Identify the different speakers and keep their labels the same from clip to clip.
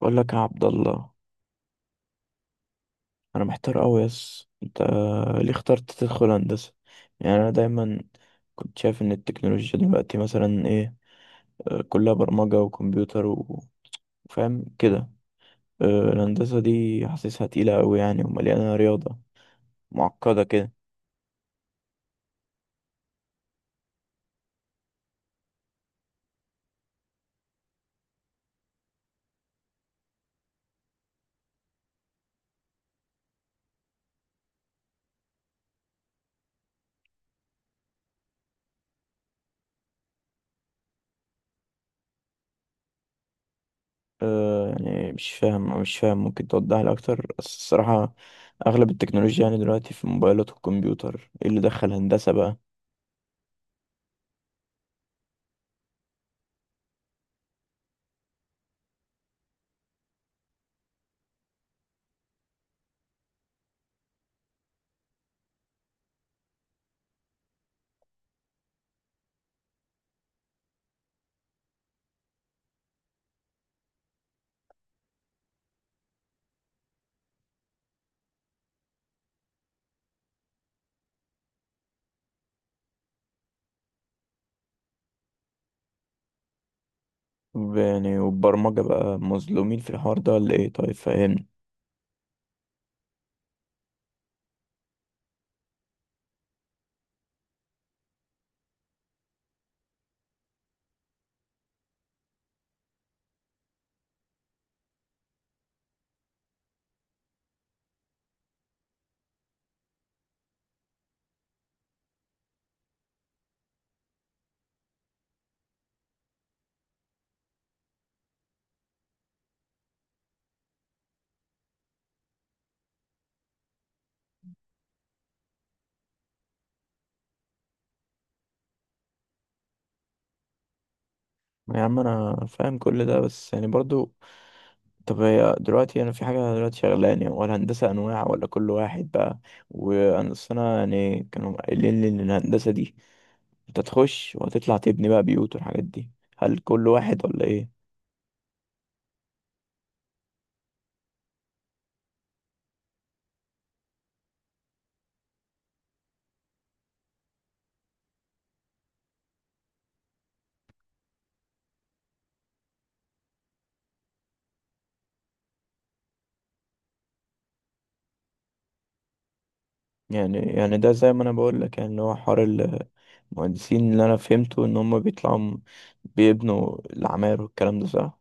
Speaker 1: بقول لك يا عبد الله، انا محتار قوي. يس انت ليه اخترت تدخل هندسه؟ يعني انا دايما كنت شايف ان التكنولوجيا دلوقتي مثلا ايه، كلها برمجه وكمبيوتر وفاهم كده. آه، الهندسه دي حاسسها تقيله قوي يعني ومليانه رياضه معقده كده. يعني مش فاهم، ممكن توضح لي اكتر بس الصراحه. اغلب التكنولوجيا يعني دلوقتي في الموبايلات والكمبيوتر، ايه اللي دخل هندسه بقى؟ يعني والبرمجه بقى مظلومين في الحوار ده ولا ايه؟ طيب فاهم. يا عم انا فاهم كل ده بس يعني برضو، طب هي دلوقتي انا في حاجه دلوقتي شغلاني، يعني ولا هندسه انواع ولا كل واحد بقى؟ وانا أصل انا يعني كانوا قايلين لي ان الهندسه دي انت تخش وهتطلع تبني بقى بيوت والحاجات دي. هل كل واحد ولا ايه؟ يعني ده زي ما انا بقول لك، يعني اللي هو حوار المهندسين، اللي انا فهمته ان هم بيطلعوا بيبنوا العماير والكلام ده، صح؟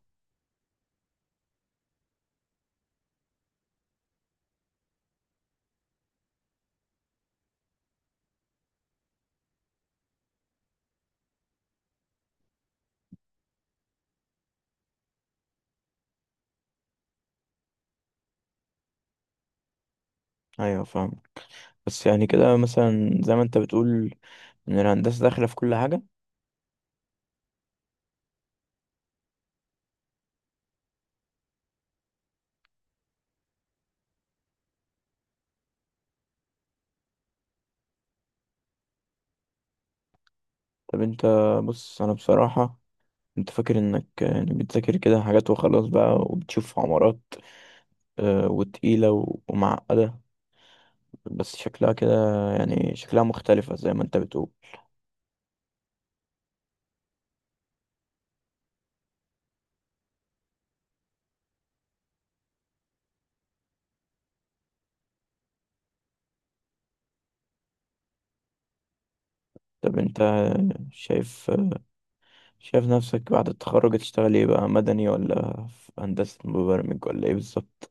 Speaker 1: ايوه فاهم. بس يعني كده مثلا زي ما انت بتقول ان الهندسه داخله في كل حاجه. طب انت، بص انا بصراحة انت فاكر انك يعني بتذاكر كده حاجات وخلاص بقى وبتشوف عمارات، وتقيلة ومعقدة، بس شكلها كده. يعني شكلها مختلفة زي ما انت بتقول. طب انت شايف شايف نفسك بعد التخرج تشتغل ايه بقى؟ مدني ولا في هندسة مبرمج ولا ايه بالظبط؟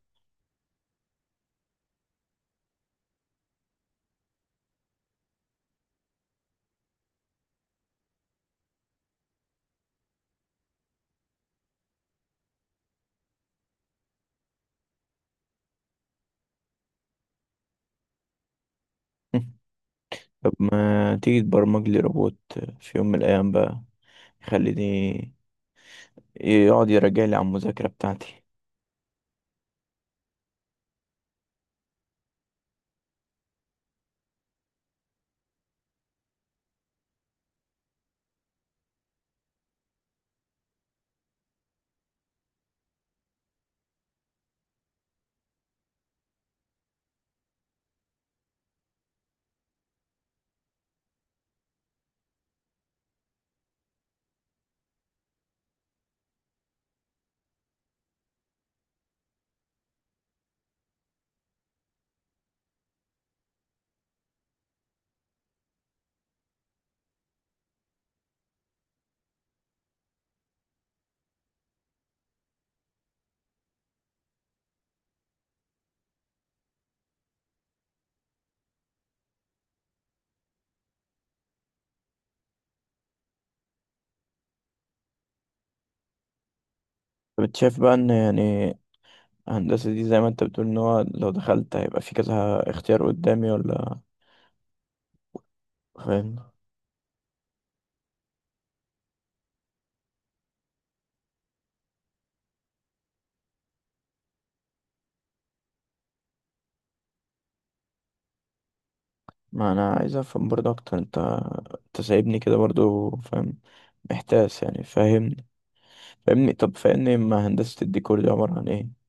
Speaker 1: طب ما تيجي تبرمج لي روبوت في يوم من الايام بقى؟ يخليني يقعد يراجع لي على المذاكرة بتاعتي. طب انت شايف بقى ان يعني هندسة دي زي ما انت بتقول، ان هو لو دخلت هيبقى في كذا اختيار قدامي ولا؟ فاهم؟ ما انا عايز افهم برضه اكتر. انت انت سايبني كده برضه، فاهم؟ محتاس يعني، فاهم؟ فاهمني، طب فاهمني، ما هندسة الديكور دي عبارة عن ايه؟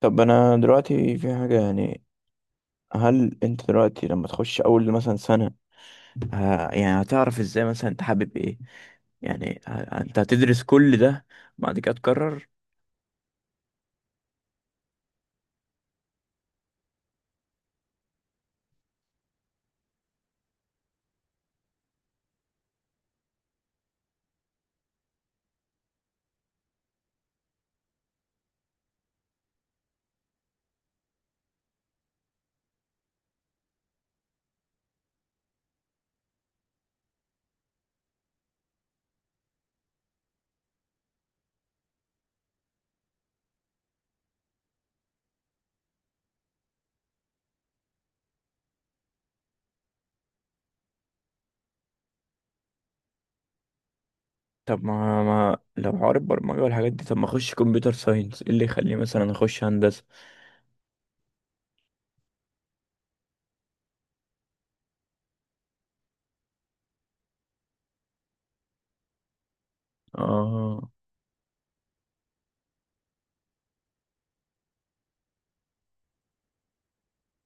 Speaker 1: طب انا دلوقتي في حاجة يعني، هل انت دلوقتي لما تخش اول مثلا سنة، يعني هتعرف ازاي مثلا انت حابب ايه؟ يعني انت هتدرس كل ده بعد كده تقرر؟ طب ما لو عارف برمجة والحاجات دي، طب ما اخش كمبيوتر ساينس؟ ايه اللي يخليه مثلا اخش هندسة؟ اه،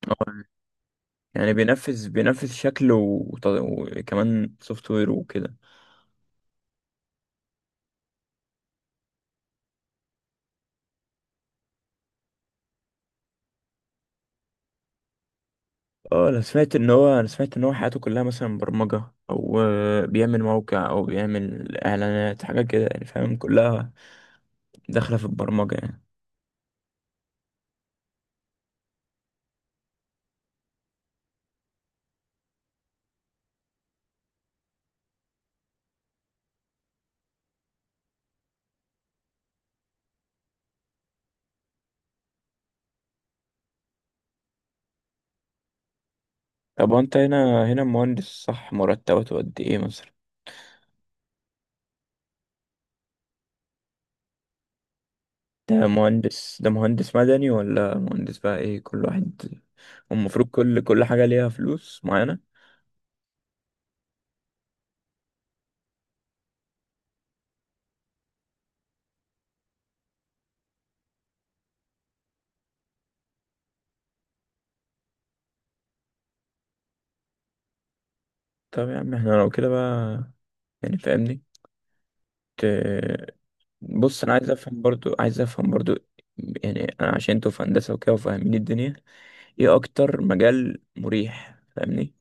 Speaker 1: اه، يعني بينفذ شكل وكمان سوفت وير وكده؟ اه، انا سمعت ان هو حياته كلها مثلا برمجة او بيعمل موقع او بيعمل اعلانات حاجة كده يعني، فاهم؟ كلها داخلة في البرمجة يعني. طب وانت هنا مهندس، صح؟ مرتباته قد ايه مثلا؟ ده مهندس مدني ولا مهندس بقى ايه كل واحد؟ المفروض كل حاجة ليها فلوس معينة. طب يا عم احنا لو كده بقى، يعني فاهمني، ت- بص انا عايز افهم برضو. يعني انا عشان انتوا في هندسة وكده وفاهمين الدنيا، ايه اكتر مجال مريح؟ فاهمني.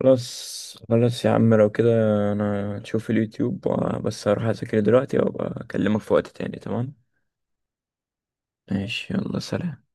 Speaker 1: خلاص، خلاص يا عم، لو كده انا هشوف اليوتيوب، بس هروح اذاكر دلوقتي وابقى اكلمك في وقت تاني، تمام؟ ماشي، يلا سلام.